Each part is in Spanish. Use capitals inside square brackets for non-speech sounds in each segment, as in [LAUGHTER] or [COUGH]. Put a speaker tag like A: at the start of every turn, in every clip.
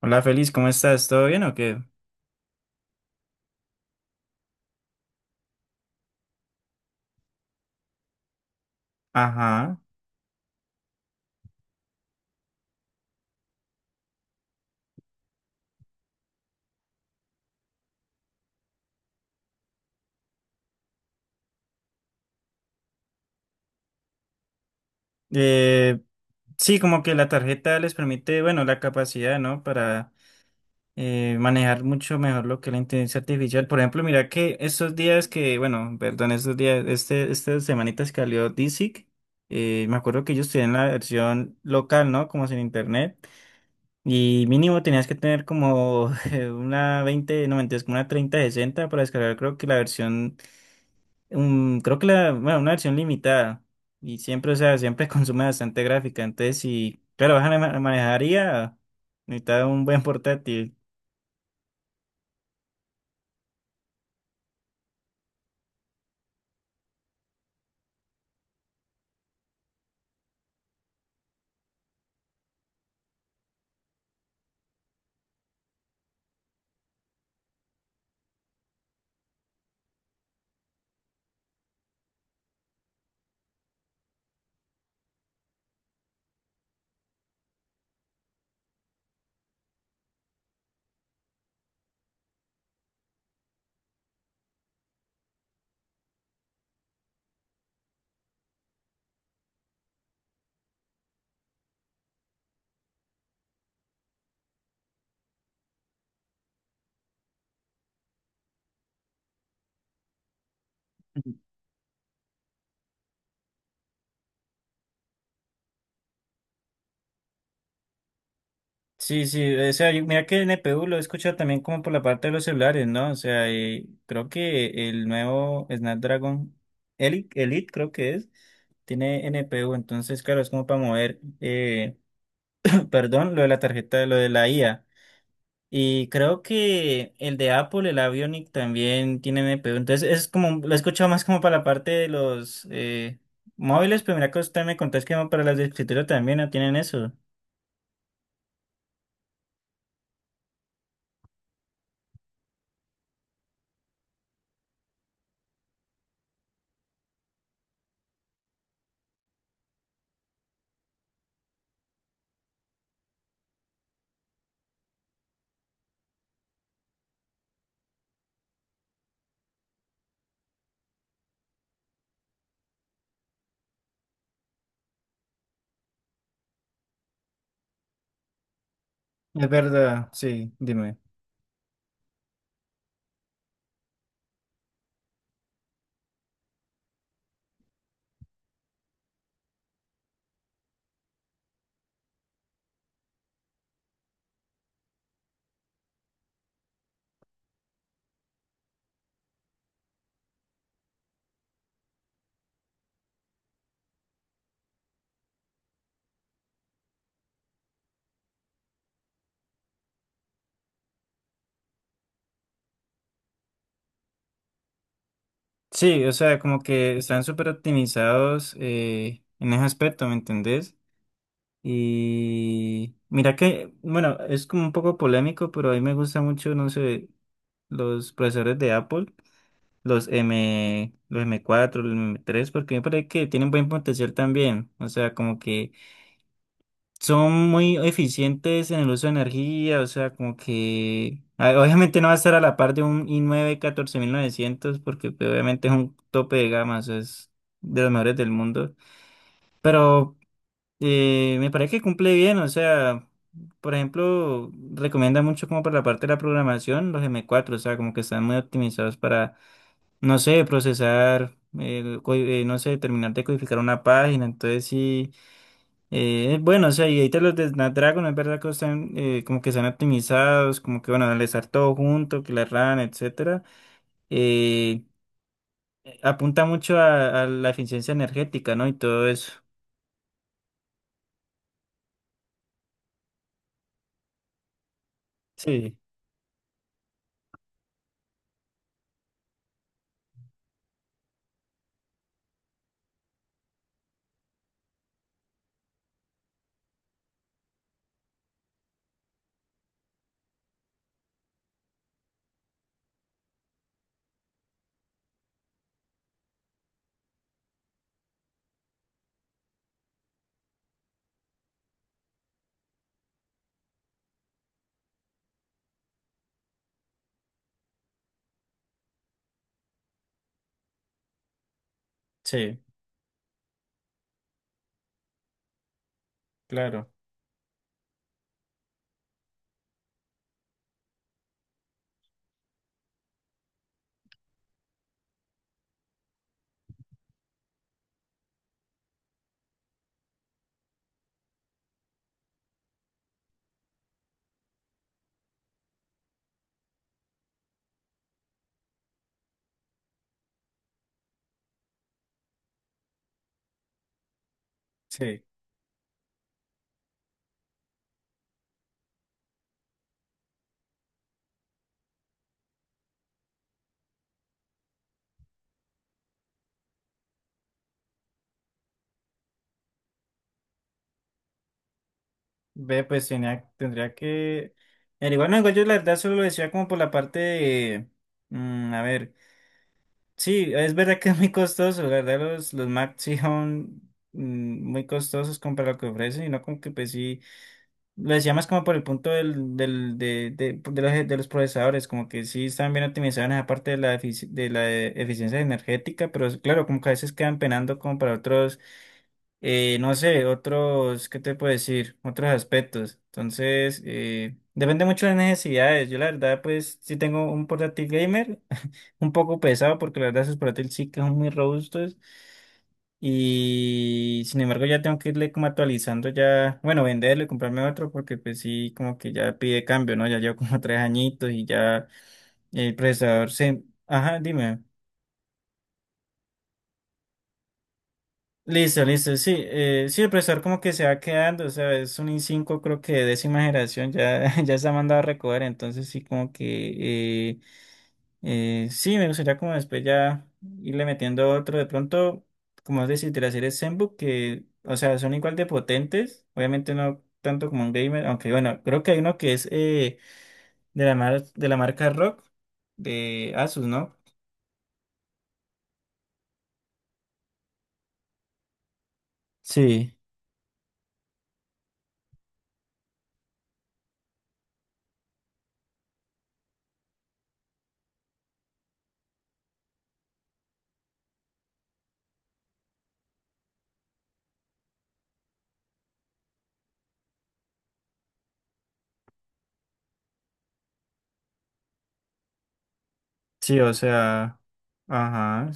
A: Hola, Feliz, ¿cómo estás? ¿Todo bien o qué? Ajá. Eh, sí, como que la tarjeta les permite, bueno, la capacidad, ¿no? Para manejar mucho mejor lo que es la inteligencia artificial. Por ejemplo, mira que estos días que, bueno, perdón, estos días, estas semanitas que salió DeepSeek. Me acuerdo que ellos tenían la versión local, ¿no? Como sin internet. Y mínimo tenías que tener como [LAUGHS] una 20, no mentiras, como una 30, 60 para descargar, creo que la versión. Creo que la, bueno, una versión limitada. Y siempre, o sea, siempre [LAUGHS] consume bastante gráfica. Entonces, si, claro, vas a manejaría, necesitas un buen portátil. Ujú. Sí, sí, o sea, mira que el NPU lo he escuchado también como por la parte de los celulares, ¿no? O sea, creo que el nuevo Snapdragon Elite, creo que es, tiene NPU. Entonces, claro, es como para mover, [CLEARS THROAT] perdón, lo de la tarjeta, lo de la IA. Y creo que el de Apple, el Avionic, también tiene NPU. Entonces es como, lo he escuchado más como para la parte de los móviles, pero mira que usted me contó es que para las de escritorio también no tienen eso. Es verdad, sí, dime. Sí, o sea, como que están súper optimizados en ese aspecto, ¿me entendés? Y mira que, bueno, es como un poco polémico, pero a mí me gusta mucho, no sé, los procesadores de Apple. Los M, los M4, los M3, porque me parece que tienen buen potencial también. O sea, como que son muy eficientes en el uso de energía. O sea, como que ah, obviamente no va a estar a la par de un i9 14900, porque pues, obviamente es un tope de gama, o sea, es de los mejores del mundo. Pero me parece que cumple bien. O sea, por ejemplo, recomienda mucho como para la parte de la programación los M4. O sea, como que están muy optimizados para no sé, procesar, no sé, terminar de codificar una página. Entonces sí, es bueno. O sea, y ahorita los de Snapdragon, es verdad que están como que están optimizados, como que bueno, al estar todo junto, que la RAM, etcétera, eh, apunta mucho a la eficiencia energética, ¿no? Y todo eso. Sí, sí, claro, sí. Ve, pues tenía, tendría que... Pero igual, no, igual yo la verdad solo lo decía como por la parte de... A ver. Sí, es verdad que es muy costoso, la verdad los Macs sí son muy costosos comparado a lo que ofrecen, y no como que pues sí, lo decía más como por el punto del, del, de los procesadores, como que sí están bien optimizados en esa parte de la, de la eficiencia energética, pero claro, como que a veces quedan penando como para otros, no sé, otros, ¿qué te puedo decir? Otros aspectos. Entonces, depende mucho de las necesidades. Yo la verdad pues sí tengo un portátil gamer un poco pesado, porque la verdad esos portátiles sí que son muy robustos, y sin embargo ya tengo que irle como actualizando, ya, bueno, venderlo y comprarme otro, porque pues sí, como que ya pide cambio, ¿no? Ya llevo como 3 añitos y ya el procesador se... Ajá, dime. Listo, listo, sí, sí, el procesador como que se va quedando, o sea, es un i5 creo que de décima generación, ya, [LAUGHS] ya se ha mandado a recoger, entonces sí como que... Sí, me gustaría como después ya irle metiendo otro. De pronto, como es decir, de las series Zenbook, que, o sea, son igual de potentes. Obviamente no tanto como un gamer, aunque bueno, creo que hay uno que es de la de la marca Rock de Asus, ¿no? Sí, sí, o sea, ajá.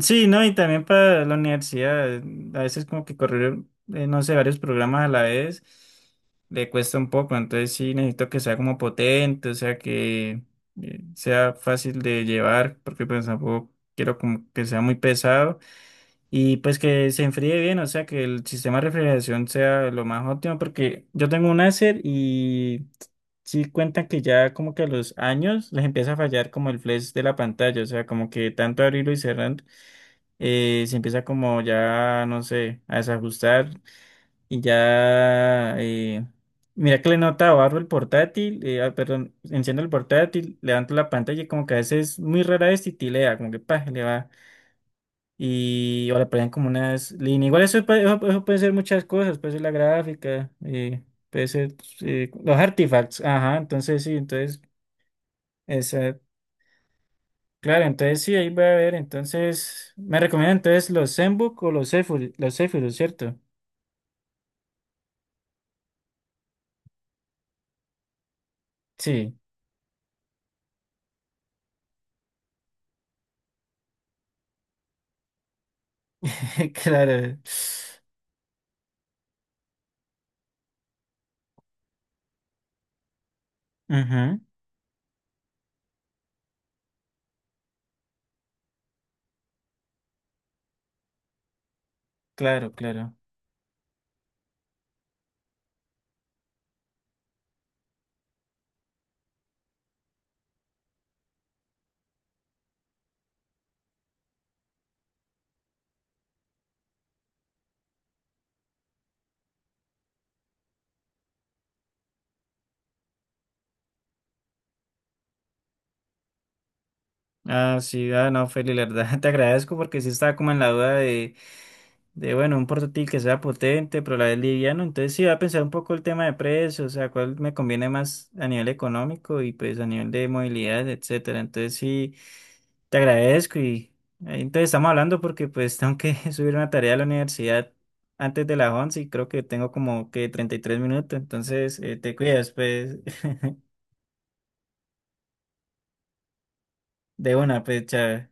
A: Sí, no, y también para la universidad, a veces como que correr, no sé, varios programas a la vez le cuesta un poco, entonces sí necesito que sea como potente, o sea, que sea fácil de llevar, porque pues tampoco quiero como que sea muy pesado, y pues que se enfríe bien, o sea, que el sistema de refrigeración sea lo más óptimo, porque yo tengo un Acer y sí cuentan que ya como que a los años les empieza a fallar como el flash de la pantalla, o sea, como que tanto abrirlo y cerrar se empieza como ya, no sé, a desajustar. Y ya, mira que le nota, barro el portátil, perdón, enciendo el portátil, levanto la pantalla, y como que a veces muy rara vez titilea, como que pa, le va y o le ponen como unas líneas, igual eso, eso puede ser muchas cosas, puede ser la gráfica, puede ser los artifacts, ajá, entonces sí, entonces, esa, claro, entonces sí, ahí voy a ver, entonces, me recomiendan entonces los Zenbook o los Zephyrus, ¿cierto? Sí, [LAUGHS] claro. Ujú. Claro, claro. Ah, sí, ah, no, Feli, la verdad [LAUGHS] te agradezco porque sí estaba como en la duda de, bueno, un portátil que sea potente, pero a la vez liviano. Entonces sí, voy a pensar un poco el tema de precio, o sea, cuál me conviene más a nivel económico y pues a nivel de movilidad, etcétera. Entonces sí, te agradezco, y ahí entonces estamos hablando porque pues tengo que [LAUGHS] subir una tarea a la universidad antes de las 11, y creo que tengo como que 33 minutos. Entonces te cuidas, pues, [LAUGHS] de una, pues, chao.